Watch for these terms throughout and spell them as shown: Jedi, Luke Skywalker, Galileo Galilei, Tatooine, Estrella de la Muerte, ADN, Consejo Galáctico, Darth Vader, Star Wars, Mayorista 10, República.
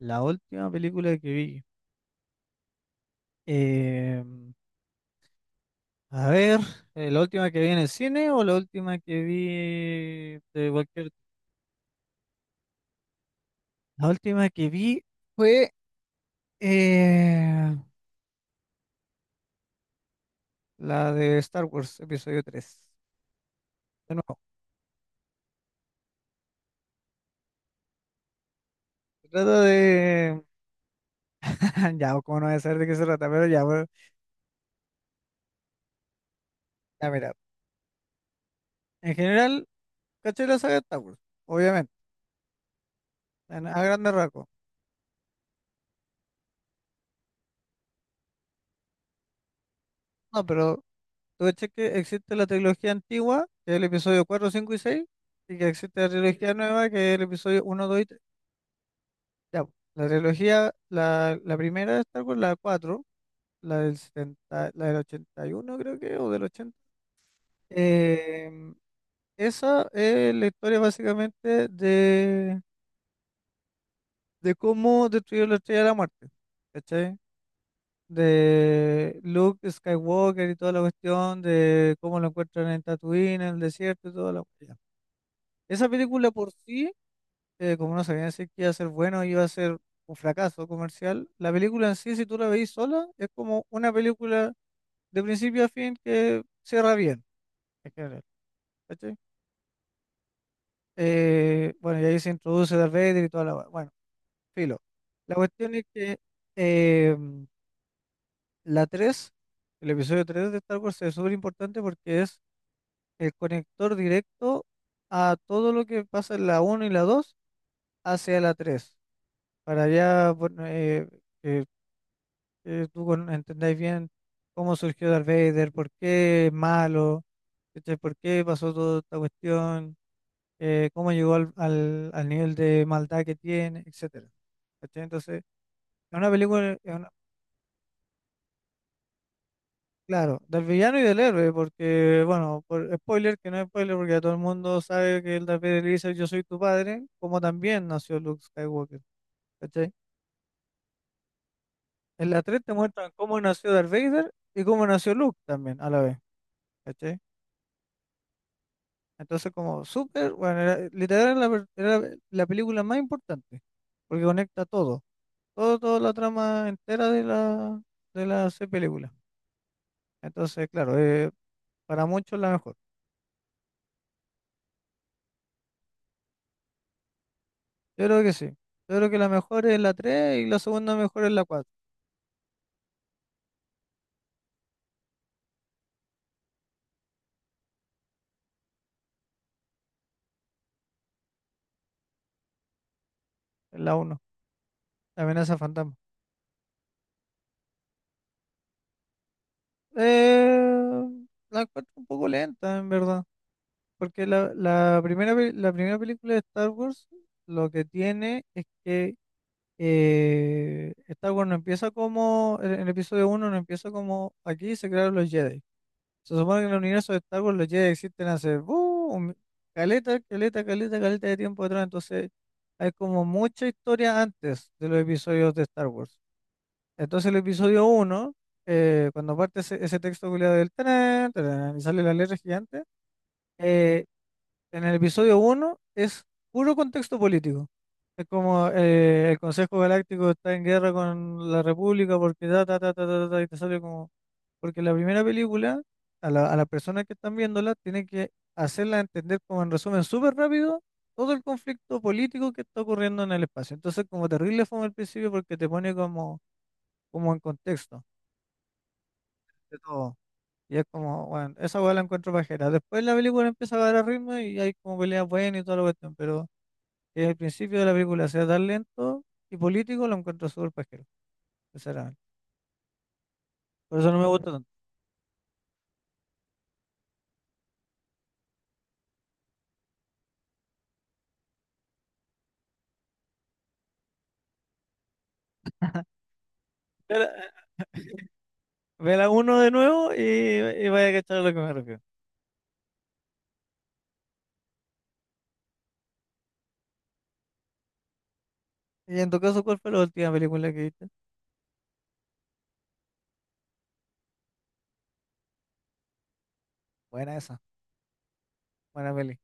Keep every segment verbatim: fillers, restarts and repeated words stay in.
La última película que vi. eh, a ver. Eh, ¿la última que vi en el cine o la última que vi de cualquier...? La última que vi fue eh, la de Star Wars, episodio tres. De nuevo, se trata de... Ya, o como no voy a saber de qué se trata, pero ya, bueno, ya mira. En general, caché la saga de Star Wars, obviamente, en- a grandes rasgos. No, pero, ¿tú ves que existe la trilogía antigua, que es el episodio cuatro, cinco y seis, Y que existe la trilogía nueva, que es el episodio uno, dos y tres? Ya, po. La trilogía, la, la primera de Star Wars, la cuatro, la del setenta, la del ochenta y uno, creo que, o del ochenta. Em, esa es la historia básicamente de, de cómo destruyó la Estrella de la Muerte, ¿cachai? De Luke Skywalker y toda la cuestión de cómo lo encuentran en Tatooine, en el desierto y todo lo que. Esa película por sí, eh, como no sabían decir que iba a ser bueno, iba a ser un fracaso comercial, la película en sí, si tú la veis sola, es como una película de principio a fin que cierra bien, en general, ¿cachai? Eh, bueno, y ahí se introduce Darth Vader y toda la... hua- Bueno, filo. La cuestión es que eh, la tres, el episodio tres de Star Wars es súper importante porque es el conector directo a todo lo que pasa en la uno y la dos hacia la tres para allá. Bueno, eh, que que tú con- entendáis bien cómo surgió Darth Vader, por qué es malo, ¿cachai? Por qué pasó toda esta cuestión, eh, cómo llegó al, al, al nivel de maldad que tiene, etcétera. ¿Cachai? Entonces, es una película, es una- claro, del villano y del héroe, porque, bueno, por spoiler, que no es spoiler, porque ya todo el mundo sabe que el Darth Vader le dice, yo soy tu padre, como también nació Luke Skywalker, ¿cachai? En la tres te muestran cómo nació Darth Vader y cómo nació Luke también a la vez, ¿cachai? Entonces como súper, bueno, era- literal era la, per- era la película más importante, porque conecta todo, todo, toda la trama entera de la, de las seis películas. Entonces, claro, eh, para muchos la mejor. Yo creo que sí. Yo creo que la mejor es la tres y la segunda mejor es la cuatro. Es la uno, la amenaza fantasma. Eh, la encuentro un poco lenta, en verdad. Porque la, la primera, pe- la primera película de Star Wars lo que tiene es que eh, Star Wars no empieza como, en el episodio uno no empieza como aquí se crearon los Jedi. Se supone que en el universo de Star Wars los Jedi existen hace ¡buh! un- caleta, caleta, caleta, caleta de tiempo atrás. Entonces hay como mucha historia antes de los episodios de Star Wars. Entonces el episodio uno, cuando parte ese, ese texto culiado del tarán, tarán, y sale la letra gigante. eh, en el episodio uno es puro contexto político. Es como eh, el Consejo Galáctico está en guerra con la República porque ta, ta, ta, ta, ta, ta, y te sale como... Porque la primera película, a la, a las personas que están viéndola, tiene que hacerla entender como en resumen súper rápido todo el conflicto político que está ocurriendo en el espacio. Entonces como terrible fue al principio porque te pone como como en contexto de todo. Y es como, bueno, esa hueá la encuentro pajera. Después la película empieza a agarrar ritmo y hay como peleas buenas y toda la cuestión, pero que el principio de la película sea tan lento y político, lo encuentro súper pajero, sinceramente. Por eso no me gusta tanto. Pero, Vela uno de nuevo y, y vaya a cachar a lo que me refiero. Y en tu caso, ¿cuál fue la última película que viste? Buena esa, buena peli.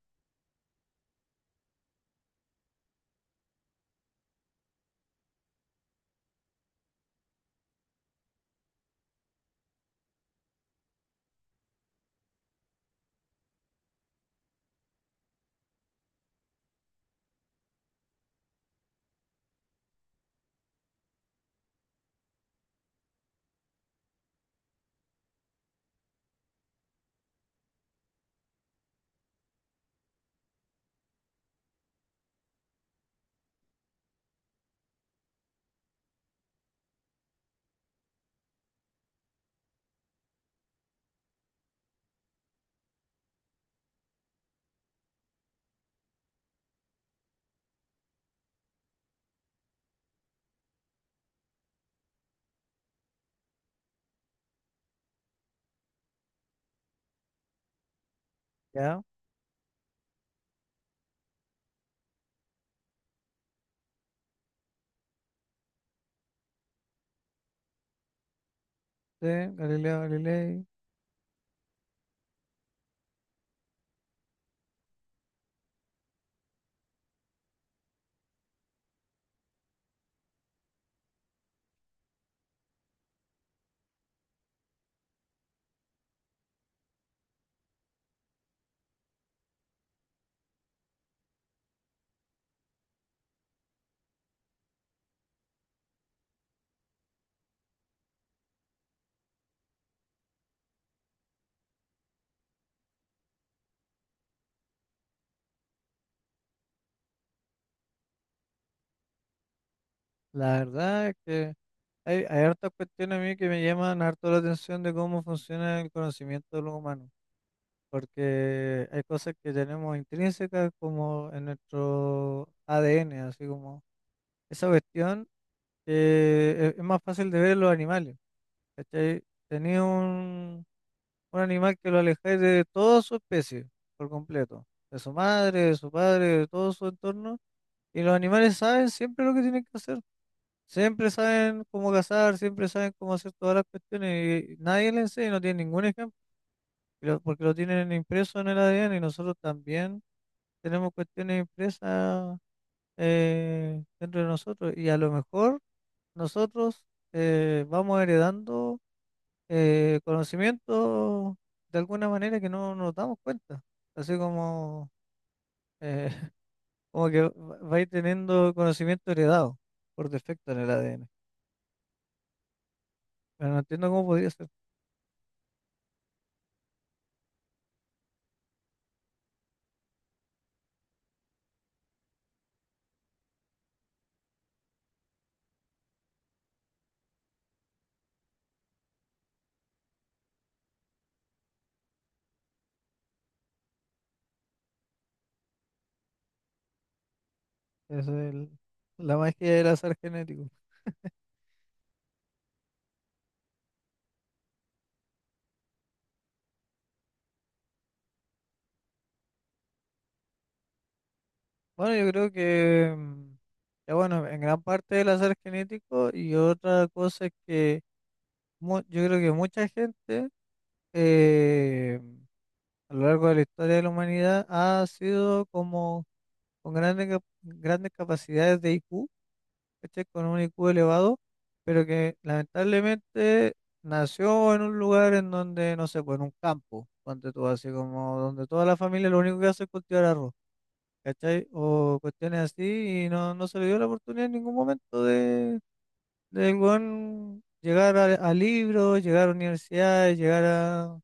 Ya, sí, Galileo Galilei. La verdad es que Hay, hay hartas cuestiones a mí que me llaman harto la atención de cómo funciona el conocimiento de los humanos, porque hay cosas que tenemos intrínsecas como en nuestro A D N, así como esa cuestión que es es más fácil de ver en los animales. ¿Cachai? Tenía un, un animal que lo alejáis de toda su especie, por completo, de su madre, de su padre, de todo su entorno, y los animales saben siempre lo que tienen que hacer. Siempre saben cómo cazar, siempre saben cómo hacer todas las cuestiones y nadie le enseña, no tiene ningún ejemplo, y lo- porque lo tienen impreso en el A D N y nosotros también tenemos cuestiones impresas eh, dentro de nosotros y a lo mejor nosotros eh, vamos heredando eh, conocimiento de alguna manera que no nos damos cuenta, así como, eh, como que va- vais teniendo conocimiento heredado por defecto en el A D N, pero no entiendo cómo podría ser. Es el- la magia del azar genético. Bueno, yo creo que, mm, que bueno, en gran parte del azar genético y otra cosa es que mu- yo creo que mucha gente eh, a lo largo de la historia de la humanidad ha sido como con grandes, cap- grandes capacidades de I Q, ¿cachai? Con un I Q elevado, pero que lamentablemente nació en un lugar en donde, no sé, pues en un campo, ponte tú así como donde toda la familia lo único que hace es cultivar arroz. ¿Cachai? O cuestiones así, y no, no se le dio la oportunidad en ningún momento de, de el weón llegar a, a libros, llegar a universidades, llegar a,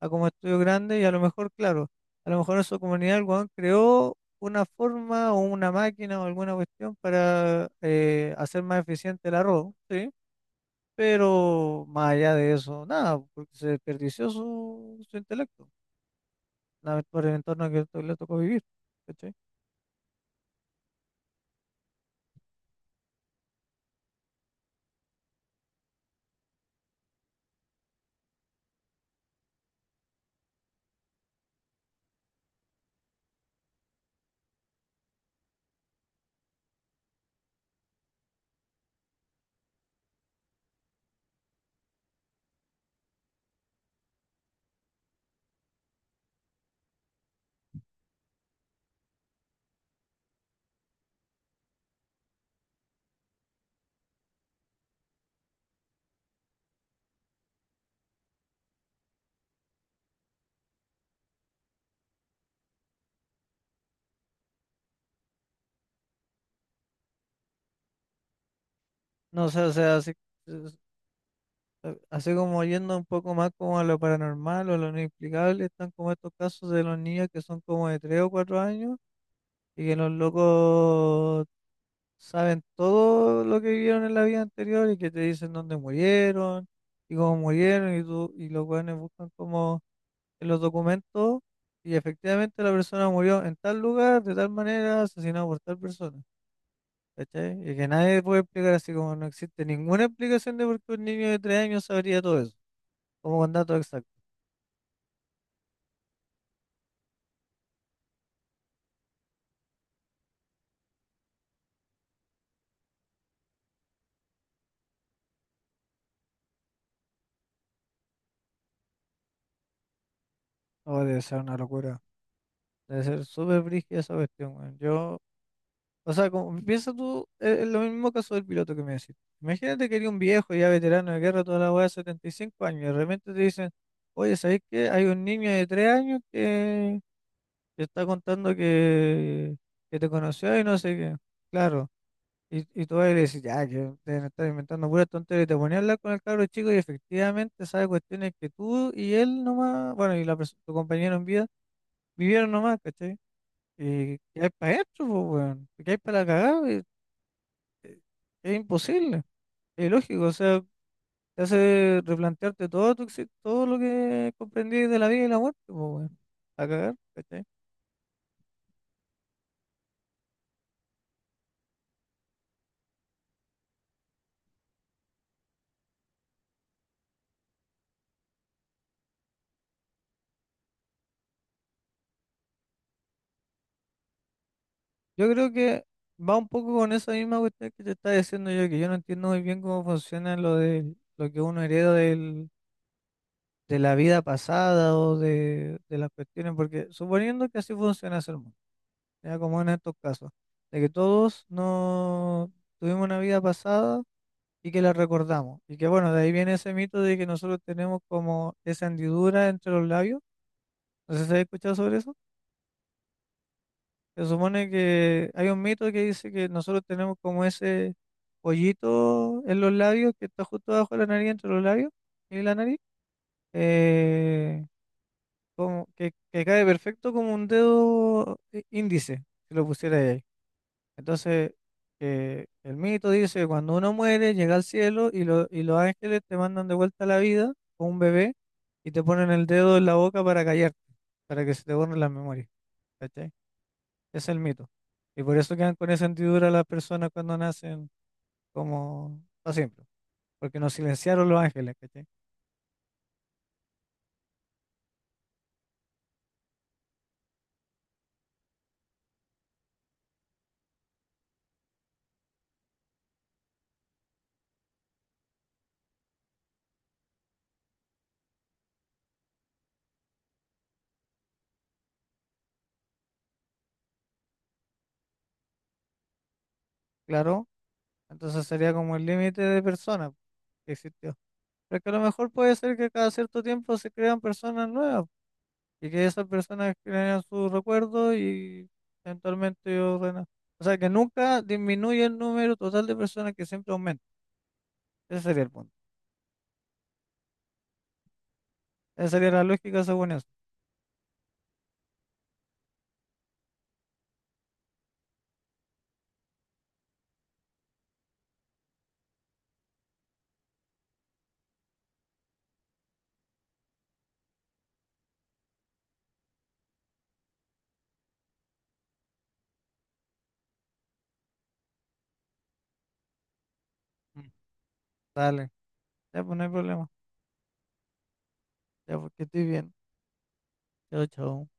a como estudio grande, y a lo mejor, claro, a lo mejor en su comunidad el weón creó una forma o una máquina o alguna cuestión para eh, hacer más eficiente el arroz, ¿sí? Pero más allá de eso, nada, porque se desperdició su, su intelecto, la- por el entorno que le tocó vivir, ¿cachai? No sé, o sea, si- eh, Así como yendo un poco más como a lo paranormal o a lo inexplicable, están como estos casos de los niños que son como de tres o cuatro años y que los locos saben todo lo que vivieron en la vida anterior y que te dicen dónde murieron y cómo murieron y, tú, y los jóvenes buscan como en los documentos y efectivamente la persona murió en tal lugar, de tal manera, asesinado por tal persona. ¿Cachai? Y que nadie puede explicar, así como no existe ninguna explicación de por qué un niño de tres años sabría todo eso como con datos. Oh, debe ser una locura. Debe ser súper brígida esa cuestión, weón. Yo, o sea, como, piensa tú, eh, lo mismo caso del piloto que me decís. Imagínate que eres un viejo ya veterano de guerra, toda la weá de setenta y cinco años, y de repente te dicen, oye, ¿sabés qué? Hay un niño de tres años que, que está contando que, que te conoció y no sé qué. Claro. Y, y tú vas y le decís, ya, que deben estar inventando puras tonterías. Y te ponías a hablar con el cabro chico y efectivamente sabe cuestiones que tú y él nomás, bueno, y la, pers- tu compañero en vida, vivieron nomás, ¿cachai? Eh, ¿qué hay para esto, po, weón? ¿Qué hay para la cagada? Es, es imposible, es lógico, o sea, te hace replantearte todo, tu, exi- todo lo que comprendí de la vida y la muerte, po, weón. A cagar, ¿cachai? Yo creo que va un poco con esa misma cuestión que te estaba diciendo yo, que yo no entiendo muy bien cómo funciona lo de lo que uno hereda del, de la vida pasada o de, de las cuestiones, porque suponiendo que así funciona el mundo, ya como en estos casos, de que todos no tuvimos una vida pasada y que la recordamos. Y que bueno, de ahí viene ese mito de que nosotros tenemos como esa hendidura entre los labios. No sé si has escuchado sobre eso. Se supone que hay un mito que dice que nosotros tenemos como ese pollito en los labios que está justo abajo de la nariz, entre los labios y la nariz, eh, como que, que cae perfecto como un dedo í- índice, si lo pusiera ahí. Entonces, eh, el mito dice que cuando uno muere, llega al cielo, y, lo- y los ángeles te mandan de vuelta a la vida con un bebé y te ponen el dedo en la boca para callarte, para que se te borren las memorias. ¿Cachai? Ese es el mito. Y por eso quedan con esa hendidura las personas cuando nacen como para siempre, porque nos silenciaron los ángeles, ¿cachai? Claro, entonces sería como el límite de personas que existió. Pero que a lo mejor puede ser que cada cierto tiempo se crean personas nuevas, y que esas personas creen sus recuerdos y eventualmente yo renazco. O sea, que nunca disminuye el número total de personas, que siempre aumenta. Ese sería el punto. Esa sería la lógica según eso. Mm. Dale, ya pues no hay problema. Ya porque estoy bien. Chao, chao.